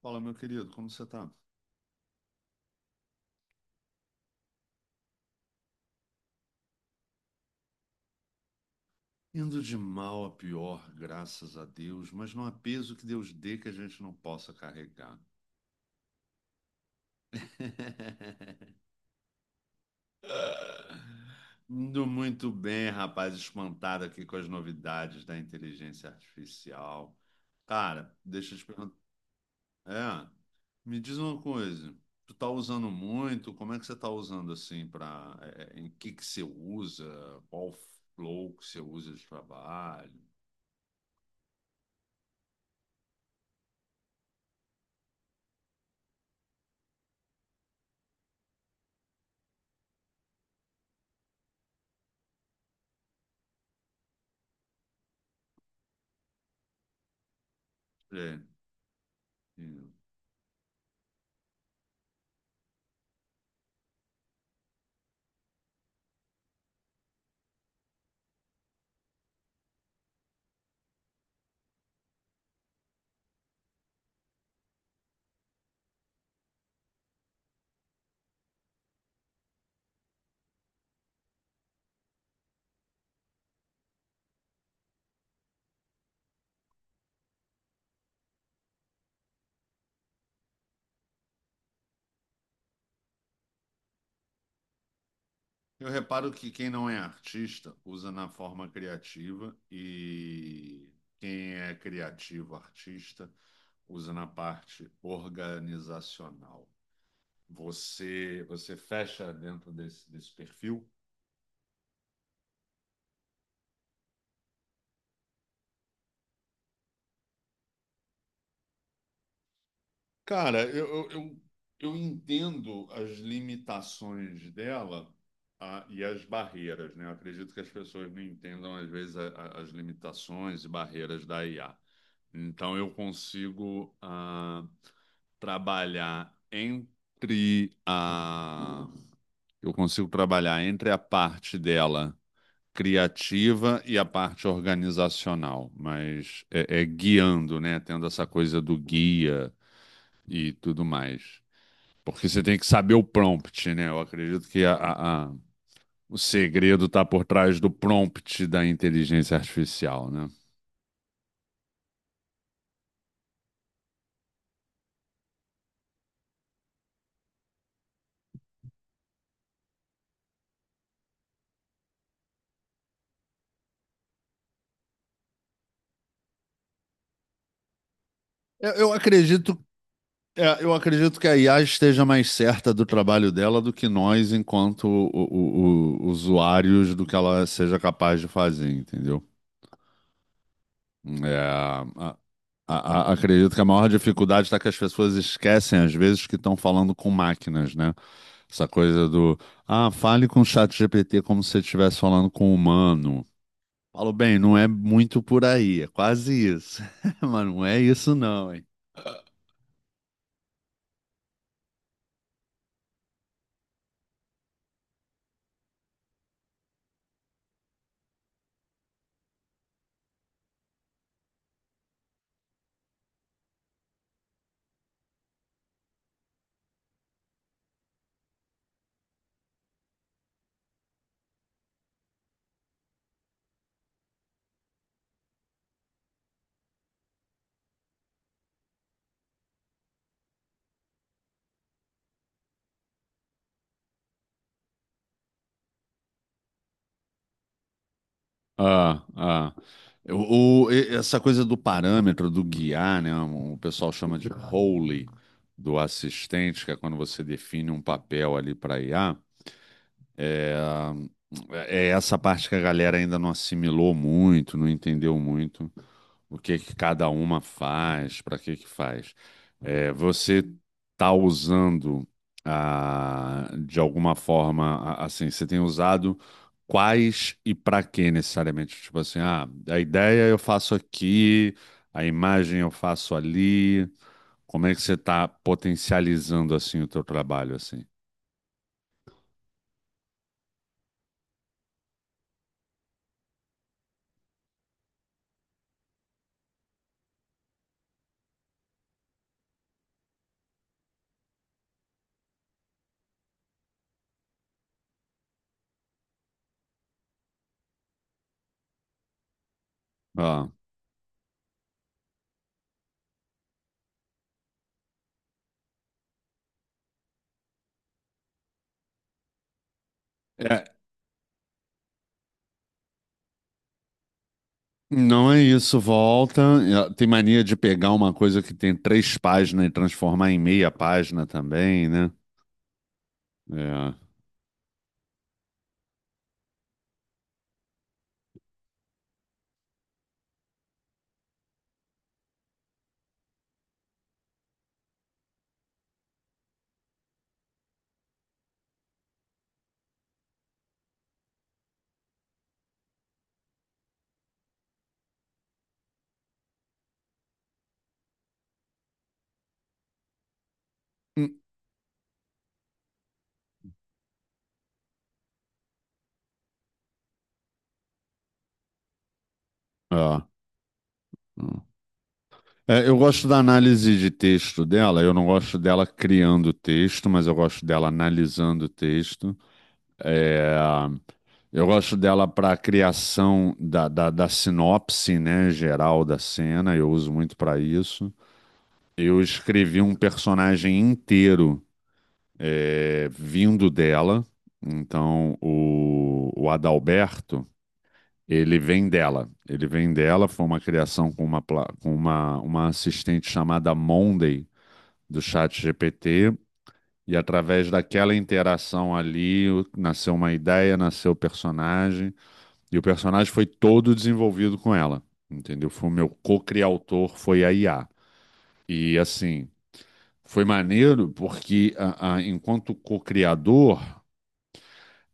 Fala, meu querido, como você tá? Indo de mal a pior, graças a Deus, mas não há peso que Deus dê que a gente não possa carregar. Indo muito bem, rapaz, espantado aqui com as novidades da inteligência artificial. Cara, deixa eu te perguntar. É, me diz uma coisa. Tu tá usando muito? Como é que você tá usando assim para em que você usa? Qual flow que você usa de trabalho? É, Eu reparo que quem não é artista usa na forma criativa e quem é criativo, artista, usa na parte organizacional. Você fecha dentro desse perfil? Cara, eu entendo as limitações dela, e as barreiras, né? Eu acredito que as pessoas não entendam, às vezes, as limitações e barreiras da IA. Então, eu consigo trabalhar entre Eu consigo trabalhar entre a parte dela criativa e a parte organizacional, mas é guiando, né? Tendo essa coisa do guia e tudo mais. Porque você tem que saber o prompt, né? Eu acredito que o segredo está por trás do prompt da inteligência artificial, né? Eu, eu acredito, eu acredito que a IA esteja mais certa do trabalho dela do que nós, enquanto usuários, do que ela seja capaz de fazer, entendeu? É, a- Acredito que a maior dificuldade está que as pessoas esquecem, às vezes, que estão falando com máquinas, né? Essa coisa ah, fale com o chat GPT como se você estivesse falando com um humano. Falo, bem, não é muito por aí, é quase isso. Mas não é isso, não, hein? Ah, ah. Essa coisa do parâmetro, do guiar, né? O pessoal chama de role do assistente, que é quando você define um papel ali para IA. É, é essa parte que a galera ainda não assimilou muito, não entendeu muito o que que cada uma faz, para que que faz. É, você tá usando de alguma forma, assim, você tem usado quais e para que necessariamente? Tipo assim, ah, a ideia eu faço aqui, a imagem eu faço ali. Como é que você está potencializando assim o teu trabalho assim? Ah. Não é isso, volta. Tem mania de pegar uma coisa que tem 3 páginas e transformar em meia página também, né? É. Hum. É. Hum. É, eu gosto da análise de texto dela, eu não gosto dela criando texto, mas eu gosto dela analisando o texto. É, eu gosto dela para a criação da sinopse, né, geral da cena, eu uso muito para isso. Eu escrevi um personagem inteiro vindo dela. Então, o Adalberto, ele vem dela. Ele vem dela, foi uma criação com uma, pla- com uma assistente chamada Monday, do chat GPT. E através daquela interação ali, nasceu uma ideia, nasceu o personagem. E o personagem foi todo desenvolvido com ela, entendeu? Foi o meu co-criador, foi a IA. E assim foi maneiro porque, enquanto co-criador,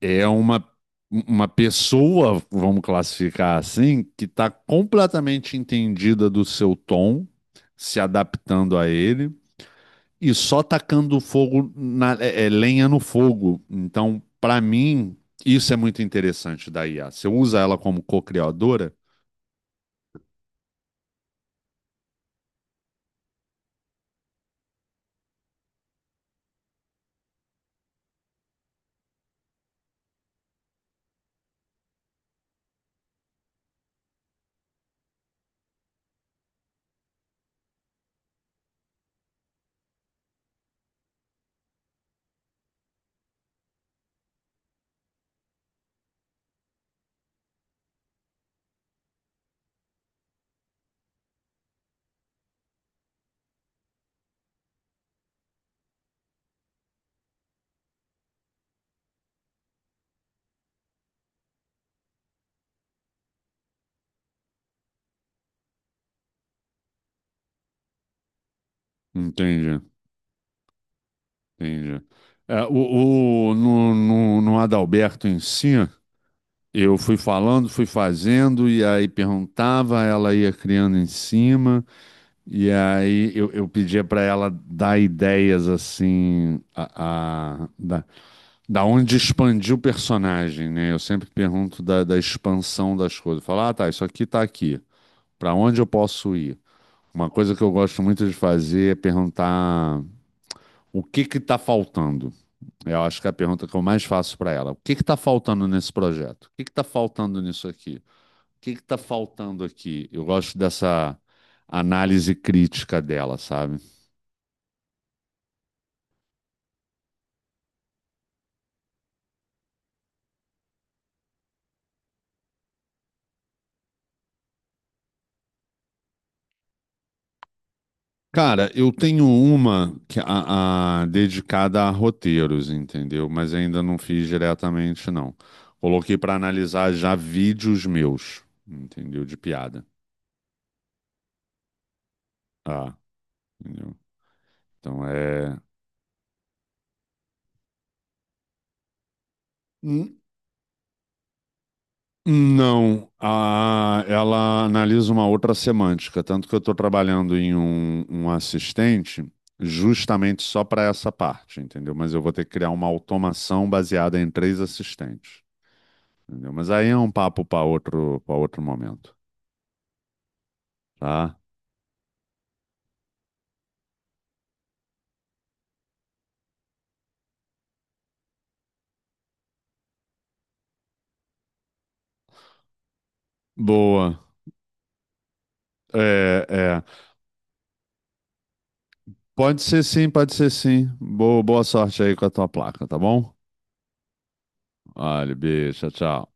é uma pessoa, vamos classificar assim, que está completamente entendida do seu tom, se adaptando a ele e só tacando fogo na, lenha no fogo. Então, para mim, isso é muito interessante da IA. Você usa ela como co-criadora? Entendi, entendi. É, o, no, no, no Adalberto em si, eu fui falando, fui fazendo, e aí perguntava, ela ia criando em cima, e aí eu pedia para ela dar ideias assim, da, da onde expandir o personagem, né? Eu sempre pergunto da expansão das coisas. Falar, ah, tá, isso aqui tá aqui, para onde eu posso ir? Uma coisa que eu gosto muito de fazer é perguntar o que que tá faltando. Eu acho que é a pergunta que eu mais faço para ela. O que que tá faltando nesse projeto? O que que tá faltando nisso aqui? Que tá faltando aqui? Eu gosto dessa análise crítica dela, sabe? Cara, eu tenho uma que dedicada a roteiros, entendeu? Mas ainda não fiz diretamente, não. Coloquei para analisar já vídeos meus, entendeu? De piada. Ah, entendeu? Então é. Não, ela analisa uma outra semântica, tanto que eu estou trabalhando em um assistente justamente só para essa parte, entendeu? Mas eu vou ter que criar uma automação baseada em 3 assistentes, entendeu? Mas aí é um papo para outro momento, tá? Boa. É, é. Pode ser sim, pode ser sim. Boa, boa sorte aí com a tua placa, tá bom? Olha, beijo, tchau, tchau.